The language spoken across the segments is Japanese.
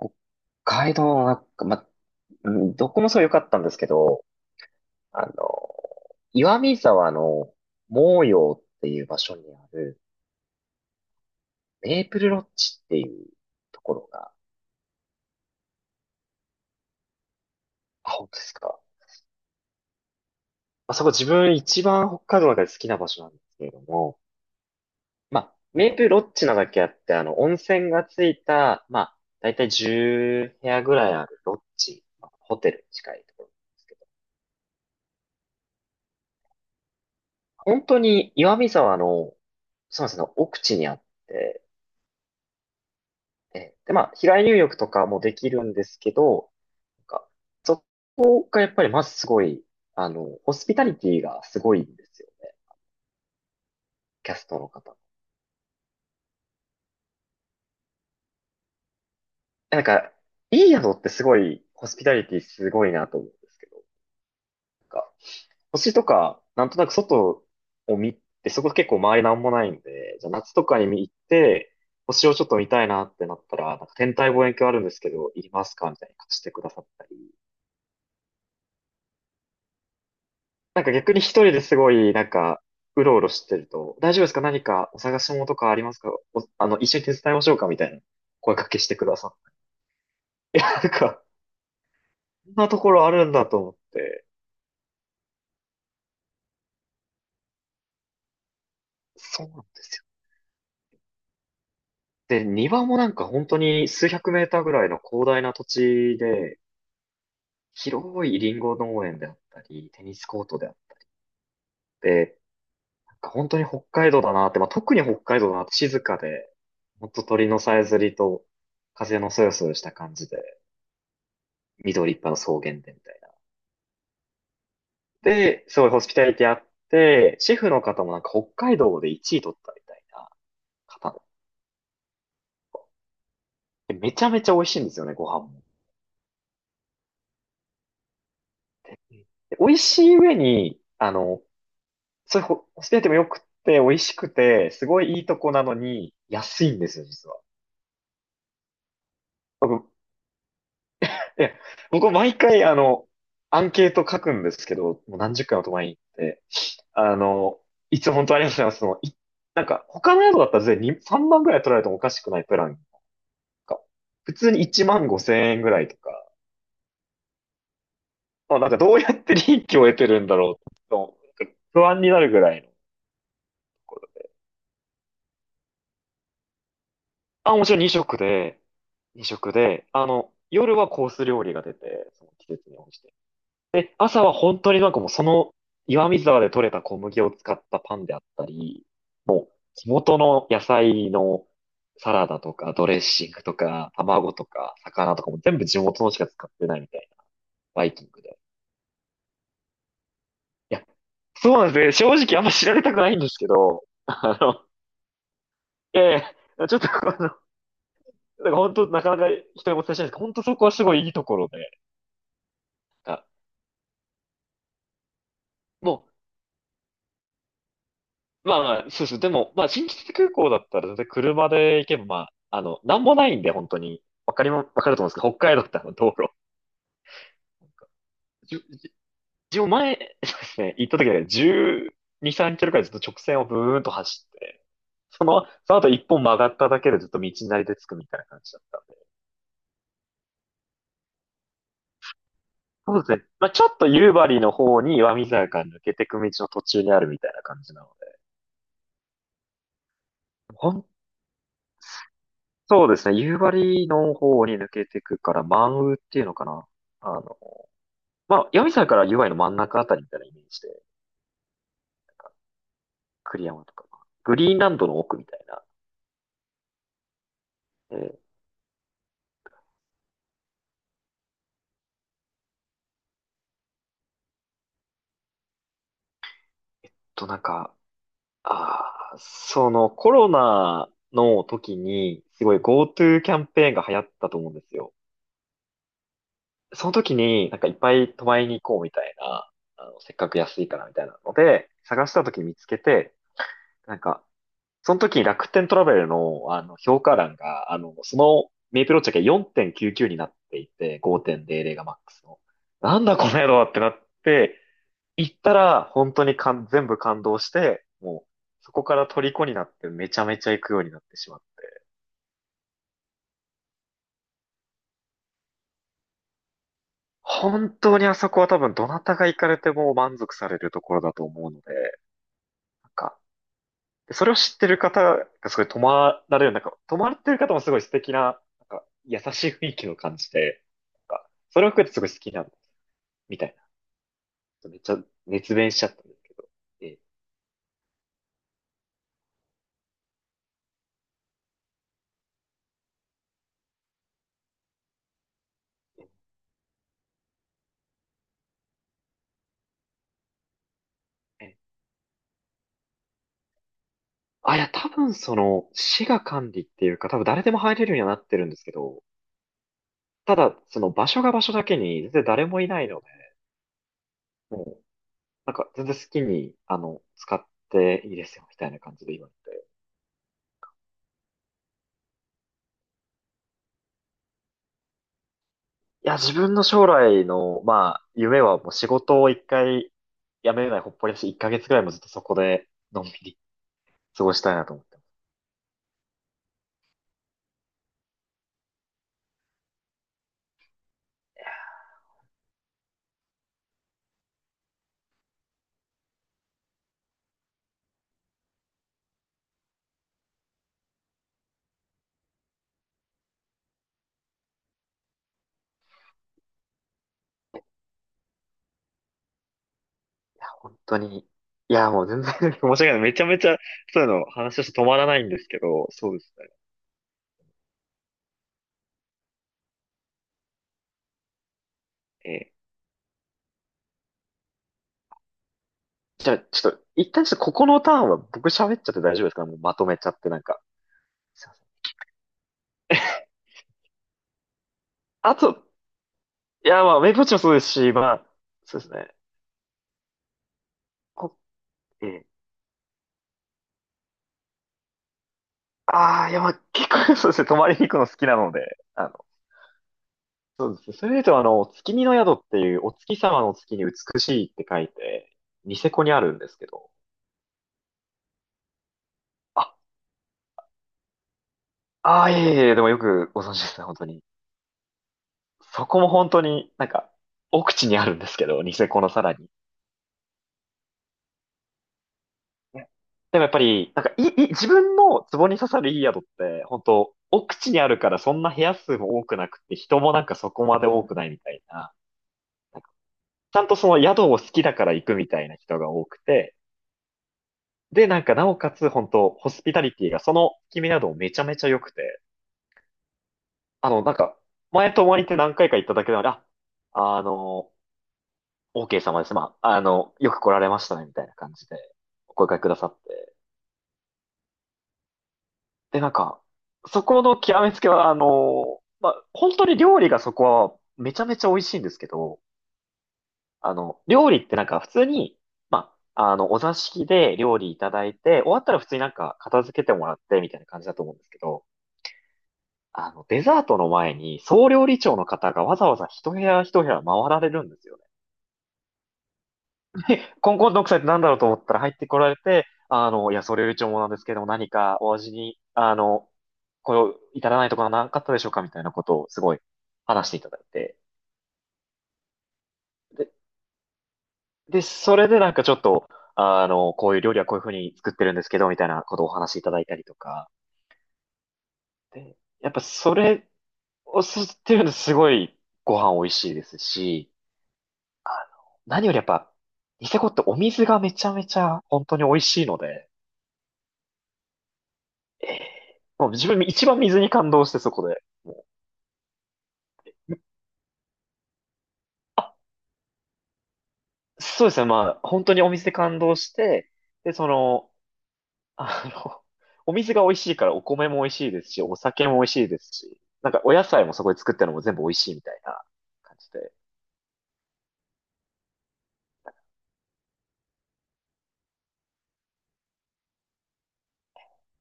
北海道は、まうんどこもそう良かったんですけど、あの、岩見沢の毛陽っていう場所にあるメープルロッジっていうところが。あ、本当ですか？まあそこ自分一番北海道の中で好きな場所なんですけれども、まあ、メープルロッジなだけあって、温泉がついた、まあ、だいたい10部屋ぐらいあるロッジ、まあホテルに近いところなんですけど、本当に岩見沢の、そうなんですね、奥地にあって、で、まあ、日帰り入浴とかもできるんですけど、なんか、そこがやっぱりまずすごい、ホスピタリティがすごいんですよね。キャストの方。なんか、いい宿ってすごい、ホスピタリティすごいなと思うんですけど、星とか、なんとなく外を見て、そこ結構周りなんもないんで、じゃあ夏とかに行って、星をちょっと見たいなってなったら、なんか天体望遠鏡あるんですけど、いりますかみたいに貸してくださったり。なんか逆に一人ですごい、なんか、うろうろしてると、大丈夫ですか？何かお探し物とかありますか？おあの、一緒に手伝いましょうか？みたいな声かけしてくださって。いや、なんか、こんなところあるんだと思って。そうなんですよ。で、庭もなんか本当に数百メーターぐらいの広大な土地で、広いリンゴ農園であったり、テニスコートであって、なんか本当に北海道だなって、まあ、特に北海道だなって静かで、ほんと鳥のさえずりと風のそよそよした感じで。緑いっぱいの草原でみたいな。で、すごいホスピタリティあって、シェフの方もなんか北海道で1位取ったみたいな方で。めちゃめちゃ美味しいんですよね、ご飯も。うんで美味しい上に、そういうホスピタリティも良くて、美味しくて、すごいいいとこなのに、安いんですよ、実は。僕、いや、僕毎回、アンケート書くんですけど、もう何十回も泊まりに行って、あの、いつも本当ありがとうございます。なんか、他の宿だったら全然に3万ぐらい取られてもおかしくないプランか普通に1万5千円ぐらいとか、まあ、なんかどうやって利益を得てるんだろうと、なんか不安になるぐらいの。あ、もちろん2食で、夜はコース料理が出て、その季節に応じて。で、朝は本当になんかもうその岩見沢で採れた小麦を使ったパンであったり、もう地元の野菜のサラダとかドレッシングとか卵とか魚とかも全部地元のしか使ってないみたいなバイキングで。いや、そうなんですね。正直あんま知られたくないんですけど、えちょっとなんか本当なかなか人にお伝えしないんですけど、本当そこはすごいいいところで。あ、もう、まあまあ、そうです。でも、まあ、新千歳空港だったら全然車で行けば、まあ、なんもないんで、本当に。わかると思うんですけど、北海道ってあの道路。じゅ、じ自分前、そうですね、行った時は12、3キロくらいずっと直線をブーンと走って、その後一本曲がっただけでずっと道なりで着くみたいな感じだった。そうですね。まあ、ちょっと夕張の方に岩見沢から抜けてく道の途中にあるみたいな感じなので。ほん、そうですね。夕張の方に抜けてくから、満雨っていうのかな。あの、まあ、岩見沢から夕張の真ん中あたりみたいなイメージで、栗山とか、グリーンランドの奥みたいな。えーっなんか、ああ、そのコロナの時に、すごい GoTo キャンペーンが流行ったと思うんですよ。その時になんかいっぱい泊まりに行こうみたいな、せっかく安いからみたいなので、探した時に見つけて、なんか、その時に楽天トラベルの、あの評価欄が、そのメイプロチェックが4.99になっていて、5.00がマックスの。なんだこの野郎ってなって、行ったら本当に全部感動して、もうそこから虜になってめちゃめちゃ行くようになってしまって。本当にあそこは多分どなたが行かれても満足されるところだと思うので、なんかそれを知ってる方がすごい泊まられる、なんか、泊まってる方もすごい素敵な、なんか、優しい雰囲気を感じて、なんか、それを含めてすごい好きなんですみたいな。めっちゃ熱弁しちゃったんですけど、えいや、多分その、市が管理っていうか、多分誰でも入れるようにはなってるんですけど、ただ、その場所が場所だけに、全然誰もいないので、もう、なんか、全然好きに、使っていいですよ、みたいな感じで言われて。いや、自分の将来の、まあ、夢はもう仕事を一回辞めないほっぽりだし、一ヶ月ぐらいもずっとそこで、のんびり過ごしたいなと思ってます。本当に。いや、もう全然 申し訳ない。めちゃめちゃ、そういうの話をして止まらないんですけど、そうですね。ええじゃあ、ちょっと、一旦ちょっとここのターンは僕喋っちゃって大丈夫ですか？もうまとめちゃってなんか。すいません。あと、いや、まあ、メイプウォッチもそうですし、まあ、そうですね。こ、ええああ、いや、まあ、結構そうですね、泊まりに行くの好きなので、そうですね。それで言うと、月見の宿っていう、お月様の月に美しいって書いて、ニセコにあるんですけど。あ、ああ、いえいえ、でもよくご存知ですね、本当に。そこも本当になんか、奥地にあるんですけど、ニセコのさらに。ねでもやっぱり、なんか、いい自分の壺に刺さるいい宿って、本当奥地にあるからそんな部屋数も多くなくて、人もなんかそこまで多くないみたいな。なんかちゃんとその宿を好きだから行くみたいな人が多くて、で、なんか、なおかつ、本当ホスピタリティが、その決め宿もめちゃめちゃ良くて、なんか、前泊まりって何回か行っただけなので、あの、OK 様です。まあ、よく来られましたね、みたいな感じで、お声掛けくださって。で、なんか、そこの極めつけは、まあ、本当に料理がそこは、めちゃめちゃ美味しいんですけど、料理ってなんか、普通に、まあ、お座敷で料理いただいて、終わったら普通になんか片付けてもらって、みたいな感じだと思うんですけど、デザートの前に、総料理長の方がわざわざ一部屋一部屋回られるんですよね。コンコンの奥さんって何だろうと思ったら入ってこられて、いや、総料理長もなんですけども、何かお味に、これを至らないところはなかったでしょうかみたいなことをすごい話していただいて。で、で、それでなんかちょっと、こういう料理はこういうふうに作ってるんですけど、みたいなことをお話しいただいたりとか。で、やっぱそれを知ってるのすごいご飯美味しいですし、あ何よりやっぱ、ニセコってお水がめちゃめちゃ本当に美味しいので、ええもう自分一番水に感動してそこで。もうあ、そうですね。まあ、本当にお水で感動して、で、あの、お水が美味しいからお米も美味しいですし、お酒も美味しいですし、なんかお野菜もそこで作ってるのも全部美味しいみたいな感じで、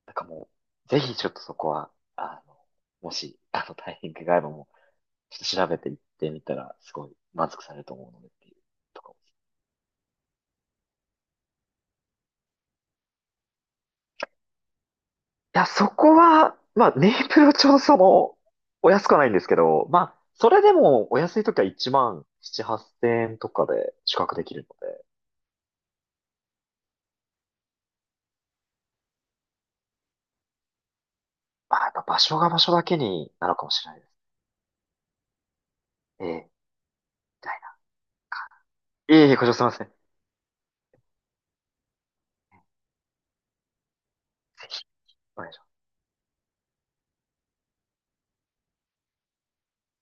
なんかもう、ぜひちょっとそこは、あの、もし、タイミングがあればもう、ちょっと調べていってみたら、すごい満足されると思うのでっていうところ、いや、そこは、まあ、ネイプルちょうどその、お安くはないんですけど、まあ、それでもお安い時は1万7、8千円とかで宿泊できるので、まあ、やっぱ場所が場所だけになるかもしれないです。ええみたいな。いえいえ、ご乗車すいません。お願いします